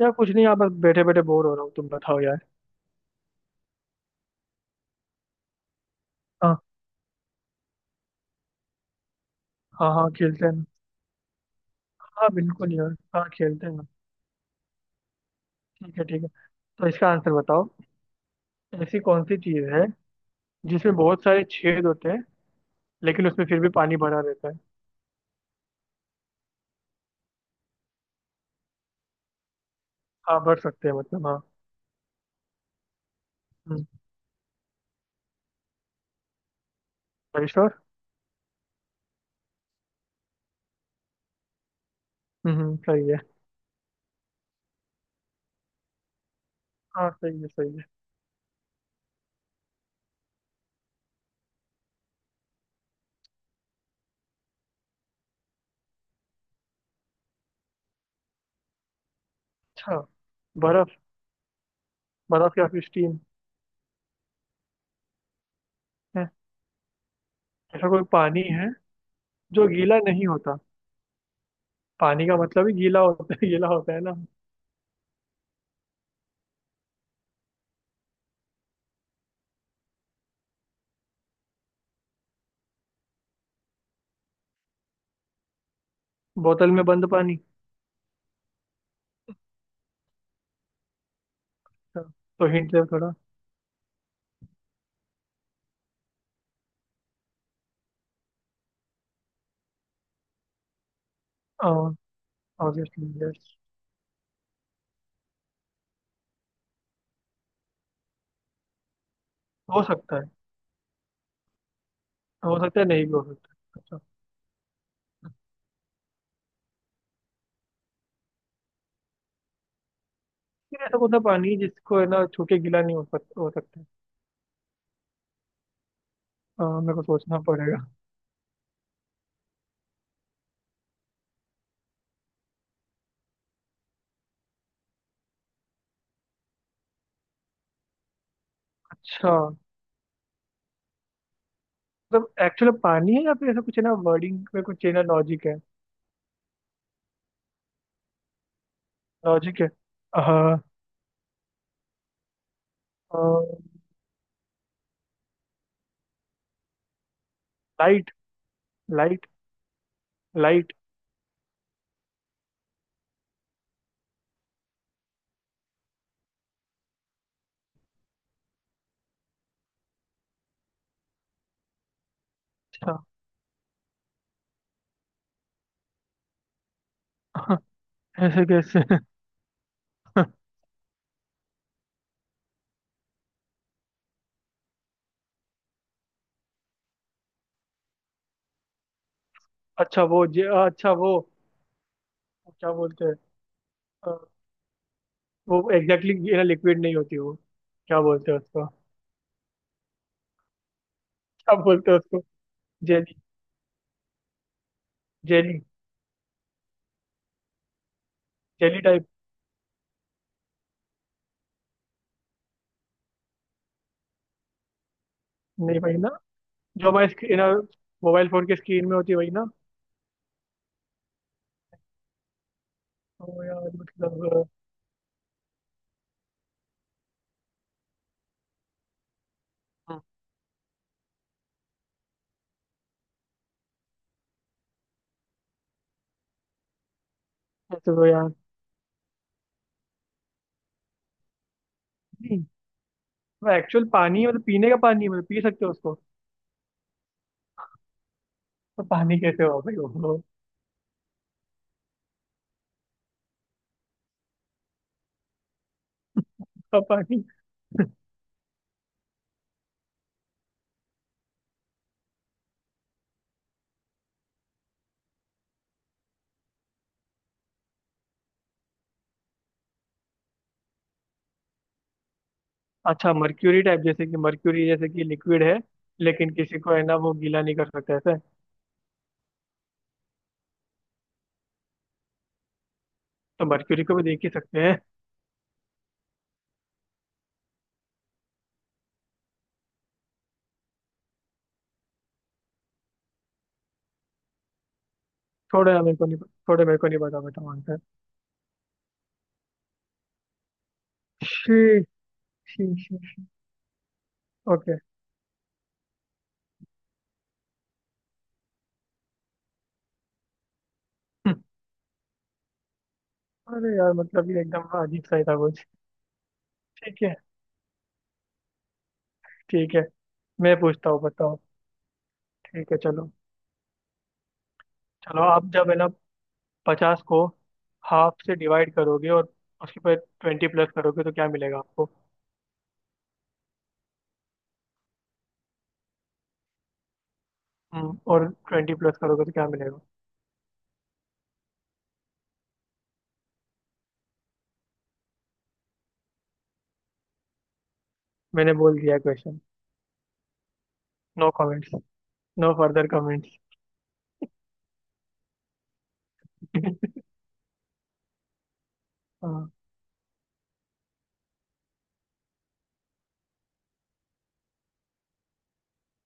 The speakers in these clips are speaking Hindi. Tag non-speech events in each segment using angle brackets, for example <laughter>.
यार कुछ नहीं यार। बस बैठे बैठे बोर हो रहा हूँ। तुम बताओ यार। हाँ। हाँ हाँ, खेलते हैं ना। हाँ बिल्कुल यार, हाँ खेलते हैं ना। ठीक है, ठीक है। तो इसका आंसर बताओ। ऐसी कौन सी चीज़ है जिसमें बहुत सारे छेद होते हैं लेकिन उसमें फिर भी पानी भरा रहता है? हाँ, भर सकते हैं, मतलब हाँ। हम्म। श्योर। सही है। हाँ, सही है, सही है। अच्छा। बर्फ। बर्फ या फिर स्टीम है? ऐसा कोई पानी है जो गीला नहीं होता? पानी का मतलब ही गीला होता है, <laughs> गीला होता है ना। बोतल में बंद पानी। हाँ, तो हिंट दे थोड़ा। Obviously yes. हो सकता है। हो सकता है, नहीं भी हो सकता है। अच्छा। फिर ऐसा कौन सा पानी है जिसको है ना छू के गीला नहीं हो सकता, हो सकता है? मेरे को सोचना पड़ेगा। अच्छा, मतलब एक्चुअल पानी है या फिर ऐसा कुछ है ना वर्डिंग में, कुछ है ना लॉजिक है? लॉजिक है। हाँ। लाइट। लाइट। लाइट। अच्छा। ऐसे कैसे? अच्छा, वो जे अच्छा वो क्या बोलते हैं? अ, वो एग्जैक्टली ये ना लिक्विड नहीं होती वो। क्या बोलते हैं उसको क्या बोलते हैं उसको। जेली। जेली। जेली नहीं वही ना, जो हमारे स्क्रीन मोबाइल फोन की स्क्रीन में होती है वही ना। तो यार मतलब। हम्म, ऐसे तो यार नहीं। वो एक्चुअल पानी मतलब पीने का पानी है, मतलब पी सकते हो उसको। तो पानी कैसे हो भाई वो? उसका पानी। अच्छा, मर्क्यूरी टाइप, जैसे कि मर्क्यूरी, जैसे कि लिक्विड है लेकिन किसी को है ना वो गीला नहीं कर सकते ऐसे। तो मर्क्यूरी को भी देख ही सकते हैं। थोड़ा यार मेरे को नहीं थोड़ा मेरे को नहीं पता, बेटा मानता है। शी। She she. ओके। अरे यार, मतलब ये एकदम अजीब सा ही था कुछ। ठीक है, ठीक है। मैं पूछता हूँ, बताओ। ठीक है, चलो। चलो, आप जब है ना 50 को हाफ से डिवाइड करोगे और उसके पर 20 प्लस करोगे तो क्या मिलेगा आपको? और 20 प्लस करोगे तो क्या मिलेगा? मैंने बोल दिया question. No comments, no further comments. <laughs> हाँ।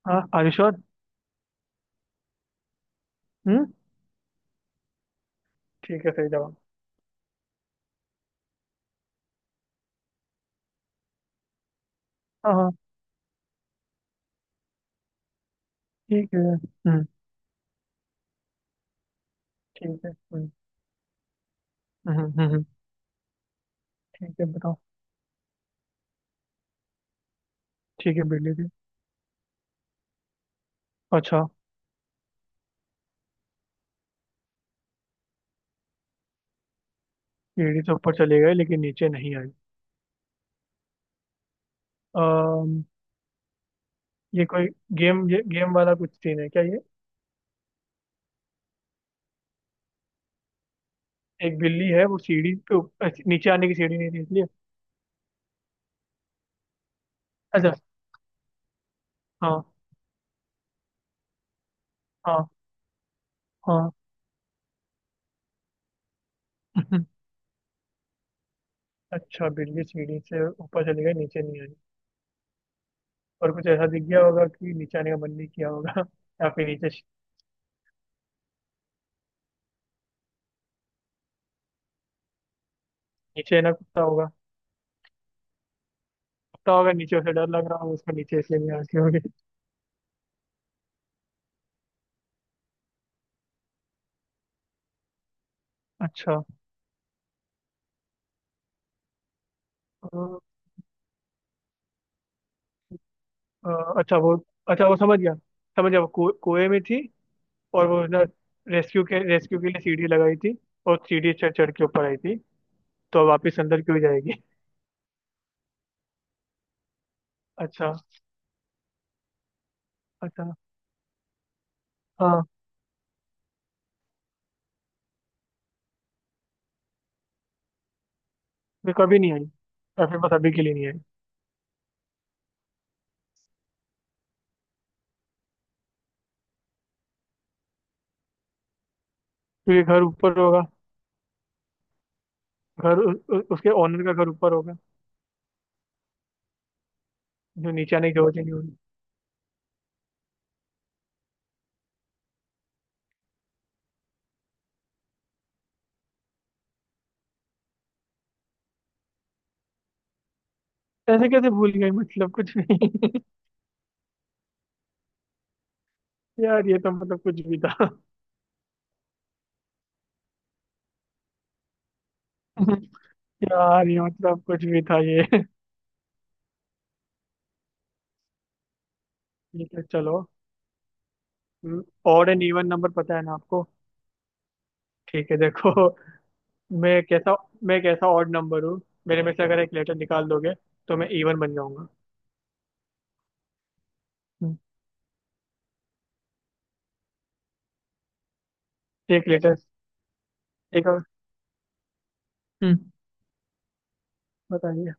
हाँ, आर यू श्योर? हम्म। ठीक है, सही जवाब। हाँ। हाँ। ठीक है। हम्म। ठीक है। हम्म, हम्म। ठीक है, बताओ। ठीक है, बिल्ली जी। अच्छा। सीढ़ी से ऊपर चले गए लेकिन नीचे नहीं आई। अम्म ये कोई ये गेम वाला कुछ सीन है क्या ये? एक बिल्ली है, वो सीढ़ी पे नीचे आने की सीढ़ी नहीं थी इसलिए। अच्छा। हाँ हाँ हाँ। <laughs> अच्छा, बिल्ली सीढ़ी से ऊपर चली गई, नीचे नहीं आई। और कुछ ऐसा दिख गया होगा कि नीचे आने का मन नहीं किया होगा। <laughs> या फिर नीचे। नीचे ना कुत्ता होगा। कुत्ता होगा नीचे, उसे डर लग रहा होगा, उसको नीचे इसलिए नहीं आती होगी। अच्छा। अ, अ, अच्छा वो अच्छा वो समझ गया, वो कुएं में थी। और वो ना रेस्क्यू के लिए सीढ़ी लगाई थी, और सीढ़ी चढ़ चढ़ के ऊपर आई थी। तो वापस अंदर क्यों जाएगी? अच्छा। अच्छा। हाँ। ये कभी नहीं आई या फिर बस अभी के लिए नहीं आई? क्योंकि घर ऊपर होगा। उसके ओनर का घर ऊपर होगा, जो नीचे आने की वजह नहीं होगी। ऐसे कैसे भूल गई, मतलब कुछ नहीं। <laughs> यार ये तो मतलब कुछ भी था। <laughs> यार ये मतलब कुछ भी था ये। <laughs> ठीक है, चलो। ऑड एंड इवन नंबर पता है ना आपको? ठीक है, देखो। <laughs> मैं कैसा मैं कैसा ऑड नंबर हूँ, मेरे में से अगर एक लेटर निकाल दोगे तो मैं इवन बन जाऊंगा। हम्म, एक लेटर। एक और। हम्म। बताइए।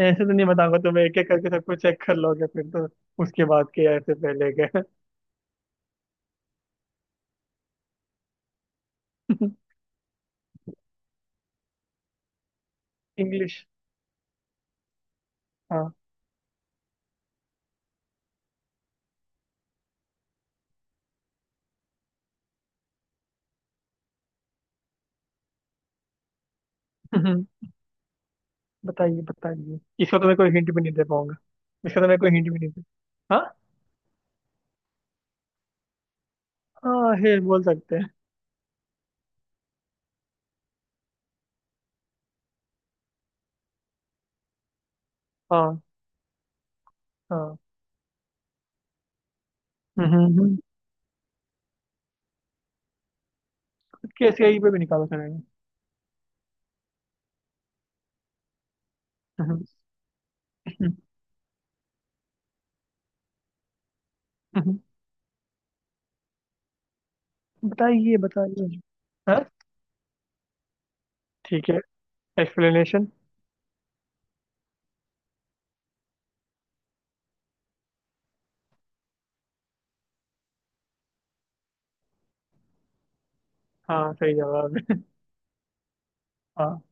ऐसे तो नहीं बताऊंगा, तुम एक एक करके सबको चेक कर लोगे फिर तो। उसके बाद के, ऐसे पहले के। <laughs> इंग्लिश। हाँ। हम्म, बताइए बताइए। इसका तो मैं कोई हिंट भी नहीं दे पाऊंगा। इसका तो मैं कोई हिंट भी नहीं दे। हाँ। हाँ, हे बोल सकते हैं। हाँ। हाँ। <laughs> हम्म हम्म, कैसे आई पे भी निकालो सर। <laughs> बताइए बताइए। हाँ। ठीक है, एक्सप्लेनेशन। हाँ, सही जवाब है। हाँ।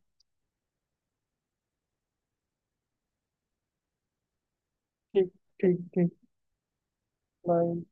ठीक, ठीक, ठीक। बाय।